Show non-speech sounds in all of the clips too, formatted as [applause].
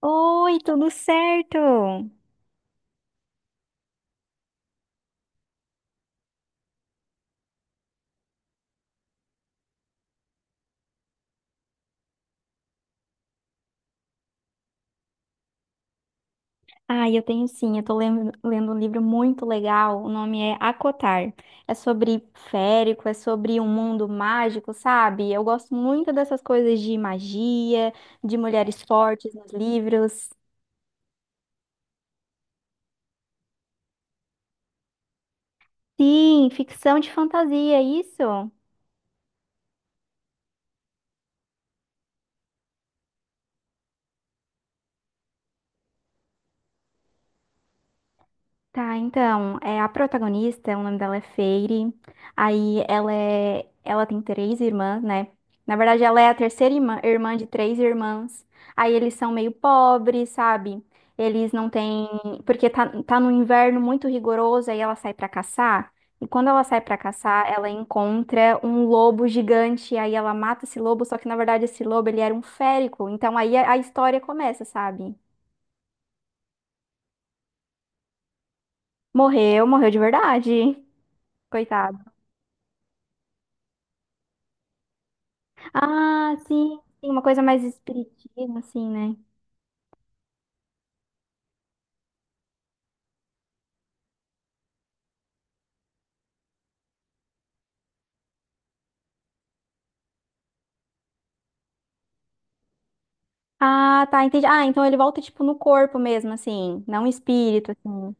Oi, tudo certo? Ah, eu tenho sim, eu tô lendo um livro muito legal, o nome é Acotar. É sobre férico, é sobre um mundo mágico, sabe? Eu gosto muito dessas coisas de magia, de mulheres fortes nos livros. Sim, ficção de fantasia, é isso? Tá, então, é a protagonista, o nome dela é Feire. Aí ela é, ela tem 3 irmãs, né? Na verdade, ela é a terceira irmã, irmã de 3 irmãs. Aí eles são meio pobres, sabe? Eles não têm, porque tá, tá no inverno muito rigoroso, aí ela sai pra caçar. E quando ela sai pra caçar, ela encontra um lobo gigante, aí ela mata esse lobo, só que na verdade esse lobo ele era um férico. Então aí a história começa, sabe? Morreu, morreu de verdade. Coitado. Ah, sim, sim, uma coisa mais espiritismo, assim, né? Ah, tá, entendi. Ah, então ele volta, tipo, no corpo mesmo, assim, não um espírito, assim.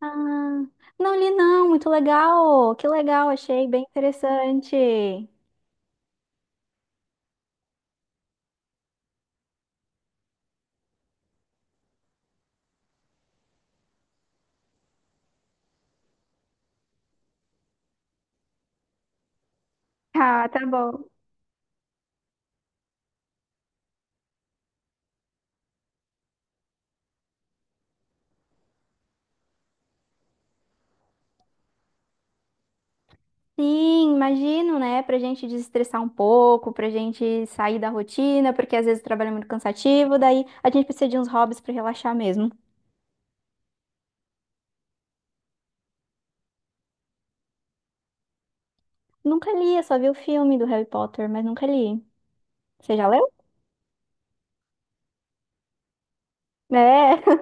Ah, não li não, muito legal, que legal, achei bem interessante. Ah, tá bom. Sim, imagino, né, pra gente desestressar um pouco, pra gente sair da rotina, porque às vezes o trabalho é muito cansativo, daí a gente precisa de uns hobbies pra relaxar mesmo. Nunca li, eu só vi o filme do Harry Potter, mas nunca li. Você já leu? É.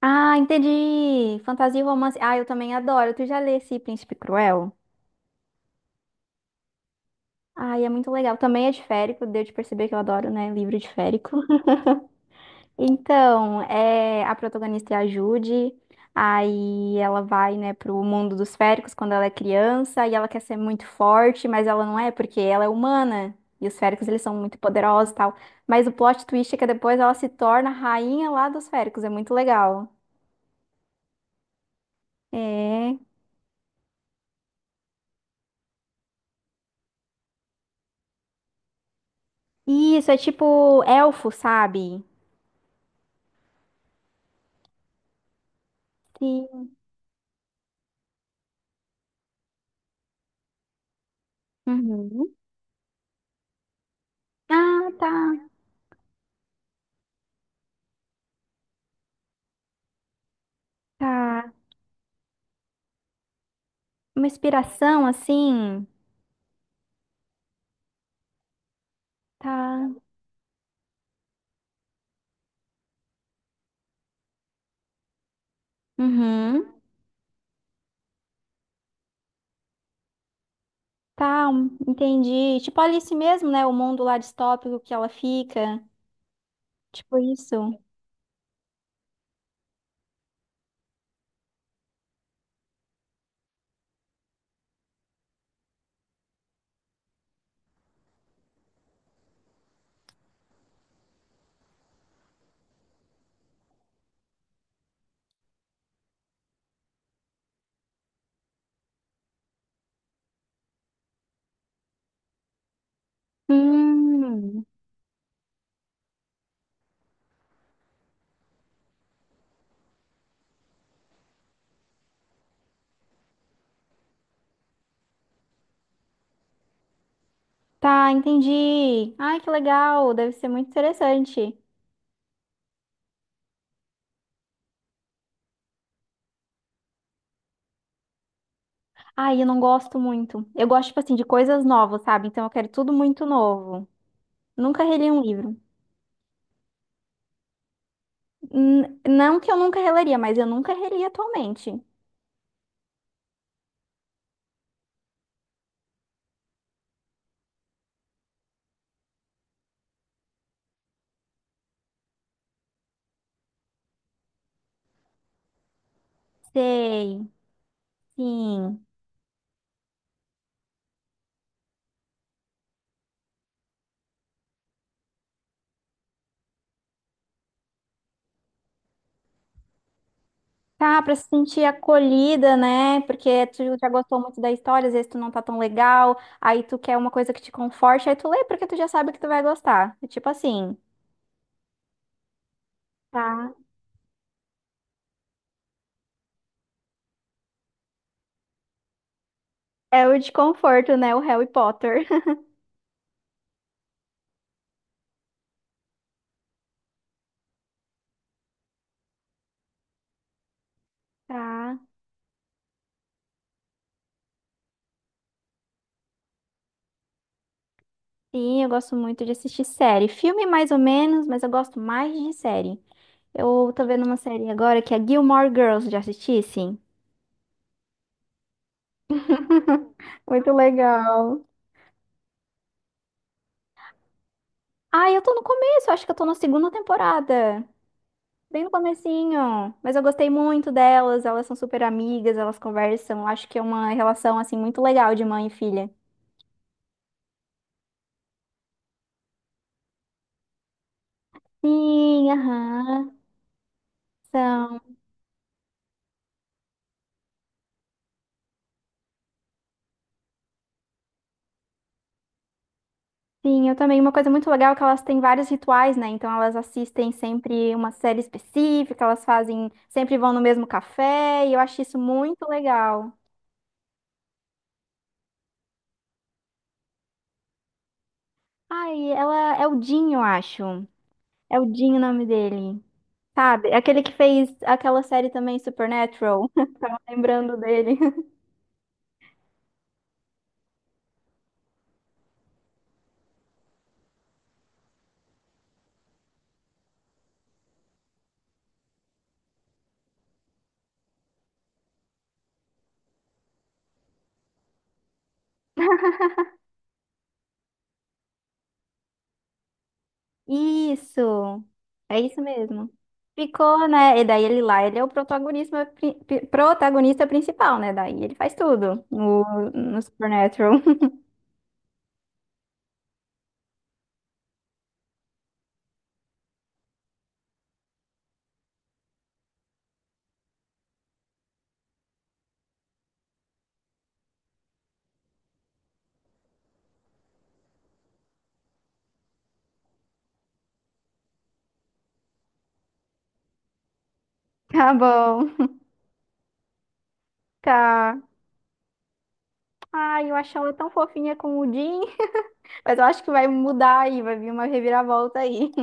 Ah, entendi. Fantasia e romance. Ah, eu também adoro. Tu já lê esse Príncipe Cruel? Ai, é muito legal. Também é de férico, deu de perceber que eu adoro, né? Livro de férico. [laughs] Então, é, a protagonista é a Judy. Aí ela vai, né, pro mundo dos féricos quando ela é criança e ela quer ser muito forte, mas ela não é porque ela é humana. E os féricos, eles são muito poderosos e tal. Mas o plot twist é que depois ela se torna a rainha lá dos féricos. É muito legal. É. Isso, é tipo elfo, sabe? Sim. Uhum. Ah, tá, tá. Uma inspiração assim, tá. Uhum. Tá, entendi. Tipo Alice mesmo, né? O mundo lá distópico que ela fica. Tipo isso. Hum. Tá, entendi. Ai, que legal. Deve ser muito interessante. Ai, eu não gosto muito. Eu gosto, tipo assim, de coisas novas, sabe? Então eu quero tudo muito novo. Nunca reli um livro. Não que eu nunca releria, mas eu nunca reli atualmente. Sei. Sim. Tá, pra se sentir acolhida, né? Porque tu já gostou muito da história, às vezes tu não tá tão legal, aí tu quer uma coisa que te conforte, aí tu lê porque tu já sabe que tu vai gostar. É tipo assim. Tá. É o de conforto, né? O Harry Potter. [laughs] Tá. Sim, eu gosto muito de assistir série. Filme mais ou menos, mas eu gosto mais de série. Eu tô vendo uma série agora que é Gilmore Girls, já assisti, sim. Muito legal. Ah, eu tô no começo, acho que eu tô na segunda temporada. Bem no comecinho, mas eu gostei muito delas, elas são super amigas, elas conversam, acho que é uma relação assim muito legal de mãe e filha. Sim, aham, são. Sim, eu também. Uma coisa muito legal é que elas têm vários rituais, né? Então elas assistem sempre uma série específica, elas fazem, sempre vão no mesmo café, e eu acho isso muito legal. Ai, ela é o Dinho, eu acho. É o Dinho o nome dele. Sabe? É aquele que fez aquela série também Supernatural. [laughs] Lembrando dele. Isso. É isso mesmo. Ficou, né? E daí ele lá, ele é o protagonista, protagonista principal, né? Daí ele faz tudo no, no Supernatural. [laughs] Tá bom. Tá. Ai, eu achava tão fofinha com o Jim, mas eu acho que vai mudar aí, vai vir uma reviravolta aí. [laughs]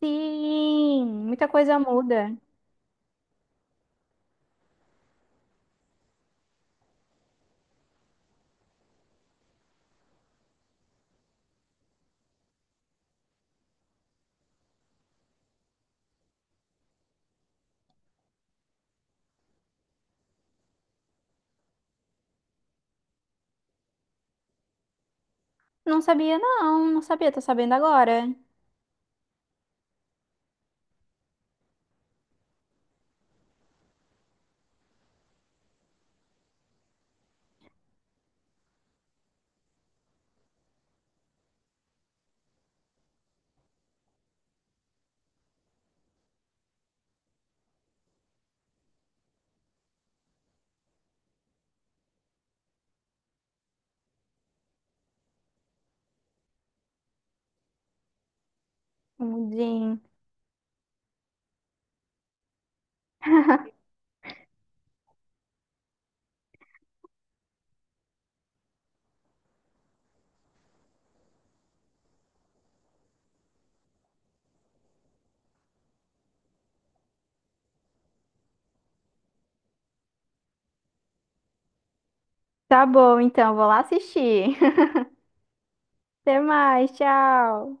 Sim, muita coisa muda. Não sabia, não, não sabia, tô sabendo agora. O Jim. [laughs] Tá bom, então, vou lá assistir. [laughs] Até mais, tchau.